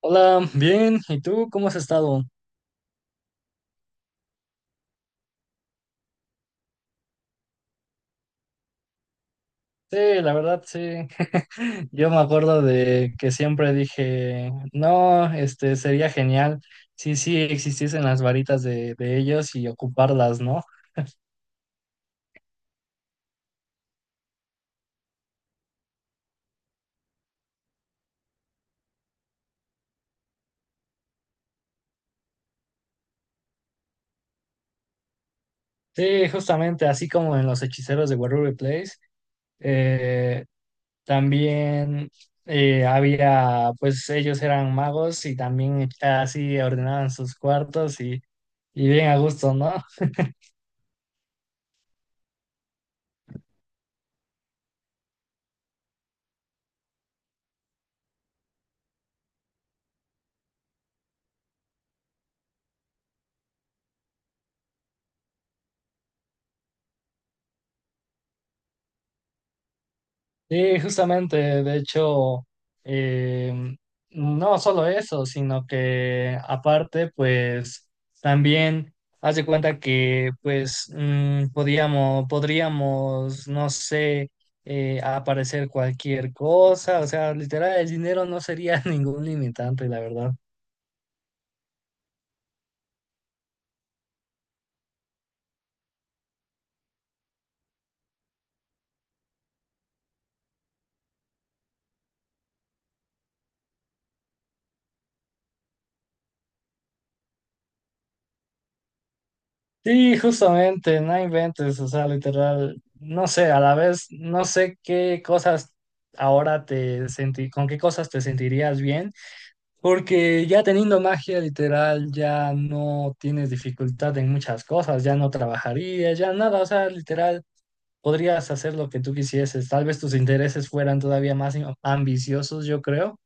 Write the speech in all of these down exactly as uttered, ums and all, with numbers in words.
Hola, bien. ¿Y tú cómo has estado? Sí, la verdad, sí. Yo me acuerdo de que siempre dije, no, este sería genial. Sí, sí, existiesen las varitas de, de ellos y ocuparlas, ¿no? Sí, justamente, así como en los hechiceros de Waverly Place, eh, también eh, había, pues ellos eran magos y también eh, así ordenaban sus cuartos y, y bien a gusto, ¿no? Sí, justamente, de hecho, em, no solo eso, sino que aparte, pues también haz de cuenta que, pues, mm, podíamos, podríamos, no sé, eh, aparecer cualquier cosa, o sea, literal, el dinero no sería ningún limitante, la verdad. Sí, justamente, no inventes, o sea, literal, no sé, a la vez, no sé qué cosas ahora te sentí, con qué cosas te sentirías bien. Porque ya teniendo magia literal, ya no tienes dificultad en muchas cosas, ya no trabajarías, ya nada, o sea, literal, podrías hacer lo que tú quisieses, tal vez tus intereses fueran todavía más in- ambiciosos, yo creo.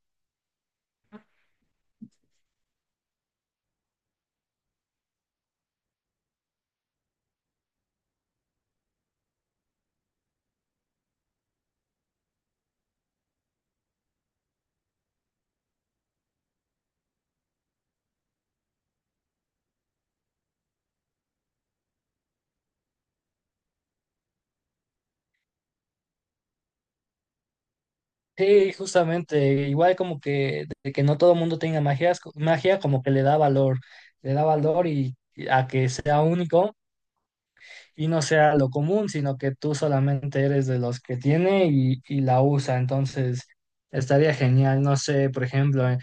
Sí, justamente, igual como que de que no todo el mundo tenga magia, magia como que le da valor, le da valor y y a que sea único, y no sea lo común, sino que tú solamente eres de los que tiene y, y la usa. Entonces, estaría genial, no sé, por ejemplo, eh,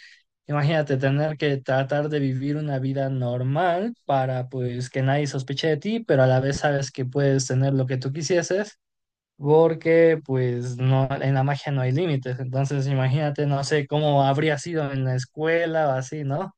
imagínate tener que tratar de vivir una vida normal para pues que nadie sospeche de ti, pero a la vez sabes que puedes tener lo que tú quisieses. Porque pues no, en la magia no hay límites. Entonces imagínate, no sé cómo habría sido en la escuela o así, ¿no?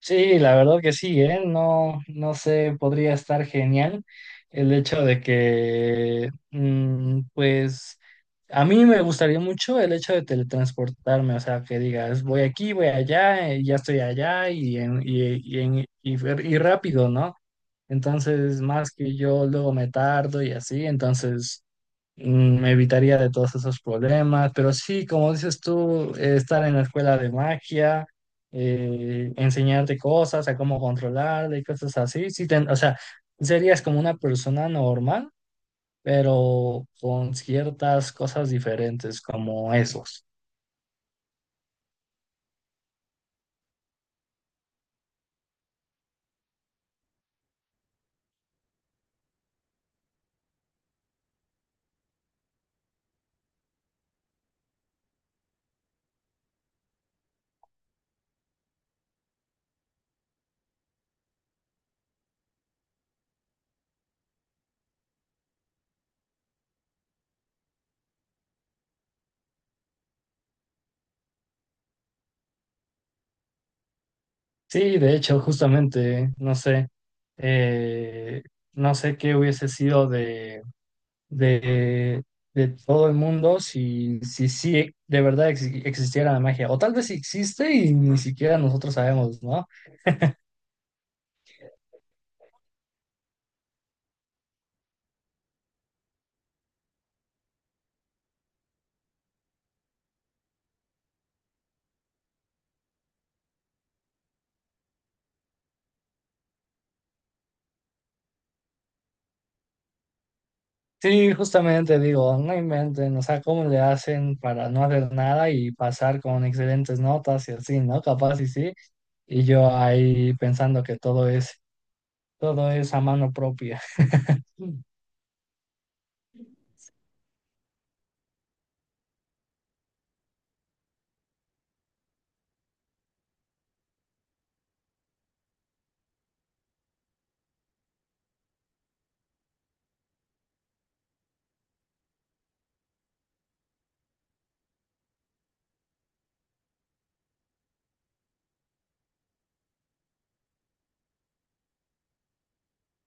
Sí, la verdad que sí, ¿eh? No, no sé, podría estar genial el hecho de que, mm, pues, a mí me gustaría mucho el hecho de teletransportarme, o sea, que digas, voy aquí, voy allá, eh, ya estoy allá y, en, y, y en, y, fer- y rápido, ¿no? Entonces, más que yo luego me tardo y así, entonces mm, me evitaría de todos esos problemas, pero sí, como dices tú, eh, estar en la escuela de magia, eh, enseñarte cosas, a cómo controlarla y cosas así, sí, ten- o sea, serías como una persona normal, pero con ciertas cosas diferentes como esos. Sí, de hecho, justamente, no sé, eh, no sé qué hubiese sido de, de todo el mundo si, si, sí de verdad ex- existiera la magia. O tal vez existe y ni siquiera nosotros sabemos, ¿no? Sí, justamente digo, no inventen, o sea, cómo le hacen para no hacer nada y pasar con excelentes notas y así, ¿no? Capaz y sí. Y yo ahí pensando que todo es, todo es a mano propia. Sí,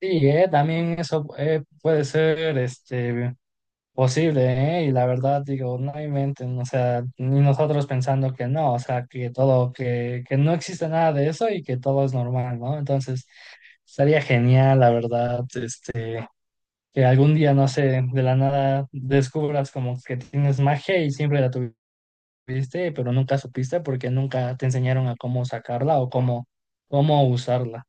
eh, también eso eh, puede ser este. Posible, ¿eh? Y la verdad, digo, no inventen, o sea, ni nosotros pensando que no, o sea, que todo, que, que no existe nada de eso y que todo es normal, ¿no? Entonces, estaría genial, la verdad, este, que algún día, no sé, de la nada descubras como que tienes magia y siempre la tuviste, pero nunca supiste porque nunca te enseñaron a cómo sacarla o cómo, cómo usarla.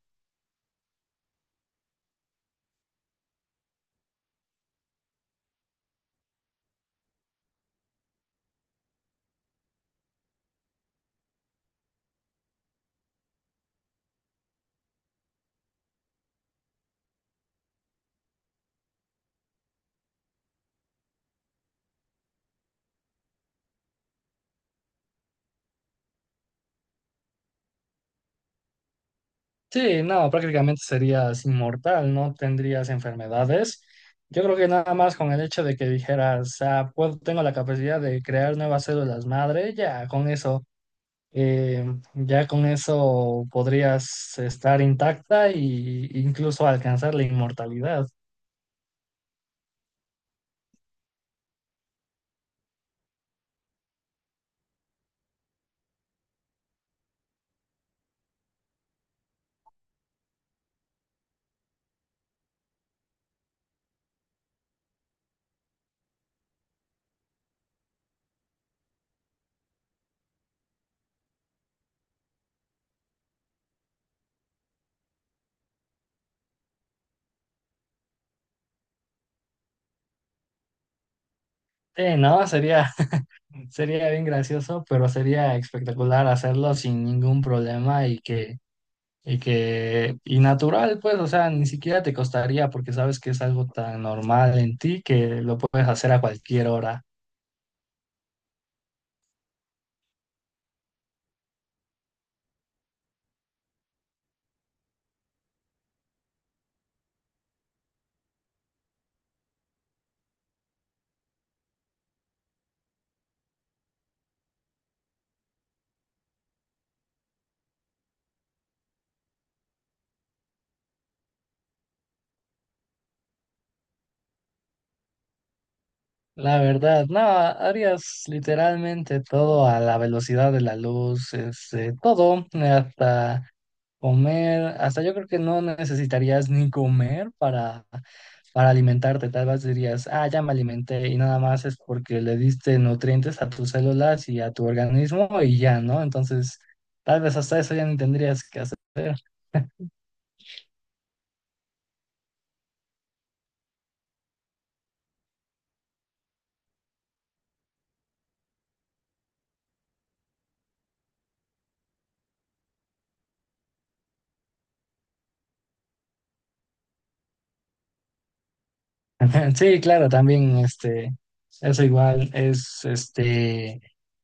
Sí, no, prácticamente serías inmortal, no tendrías enfermedades. Yo creo que nada más con el hecho de que dijeras, ah, puedo- tengo la capacidad de crear nuevas células madre, ya con eso, eh, ya con eso podrías estar intacta e incluso alcanzar la inmortalidad. Sí, no, sería, sería bien gracioso, pero sería espectacular hacerlo sin ningún problema y que Y que, y natural, pues, o sea, ni siquiera te costaría porque sabes que es algo tan normal en ti que lo puedes hacer a cualquier hora. La verdad, no, harías literalmente todo a la velocidad de la luz, este, todo, hasta comer, hasta yo creo que no necesitarías ni comer para, para alimentarte. Tal vez dirías, ah, ya me alimenté y nada más es porque le diste nutrientes a tus células y a tu organismo y ya, ¿no? Entonces, tal vez hasta eso ya ni tendrías que hacer. Sí, claro, también este, eso igual es este,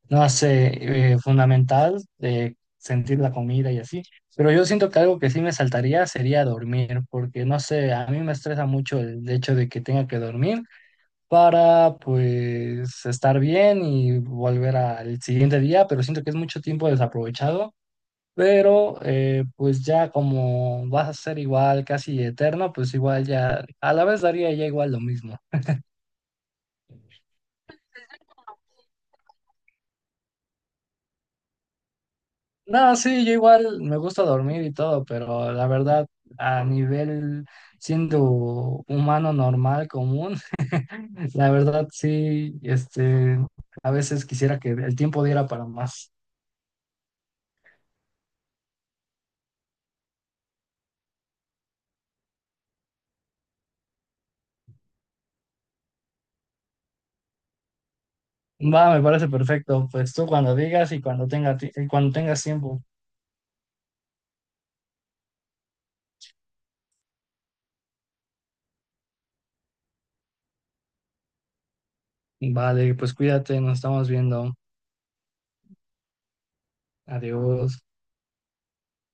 no sé, eh, fundamental de sentir la comida y así. Pero yo siento que algo que sí me saltaría sería dormir, porque no sé, a mí me estresa mucho el hecho de que tenga que dormir para pues estar bien y volver al siguiente día, pero siento que es mucho tiempo desaprovechado. Pero eh, pues ya como vas a ser igual casi eterno, pues igual ya a la vez daría ya igual lo mismo. No, sí, yo igual me gusta dormir y todo, pero la verdad, a nivel siendo humano normal, común, la verdad sí, este, a veces quisiera que el tiempo diera para más. Va, me parece perfecto. Pues tú cuando digas y cuando tenga, ti- y cuando tengas tiempo. Vale, pues cuídate, nos estamos viendo. Adiós.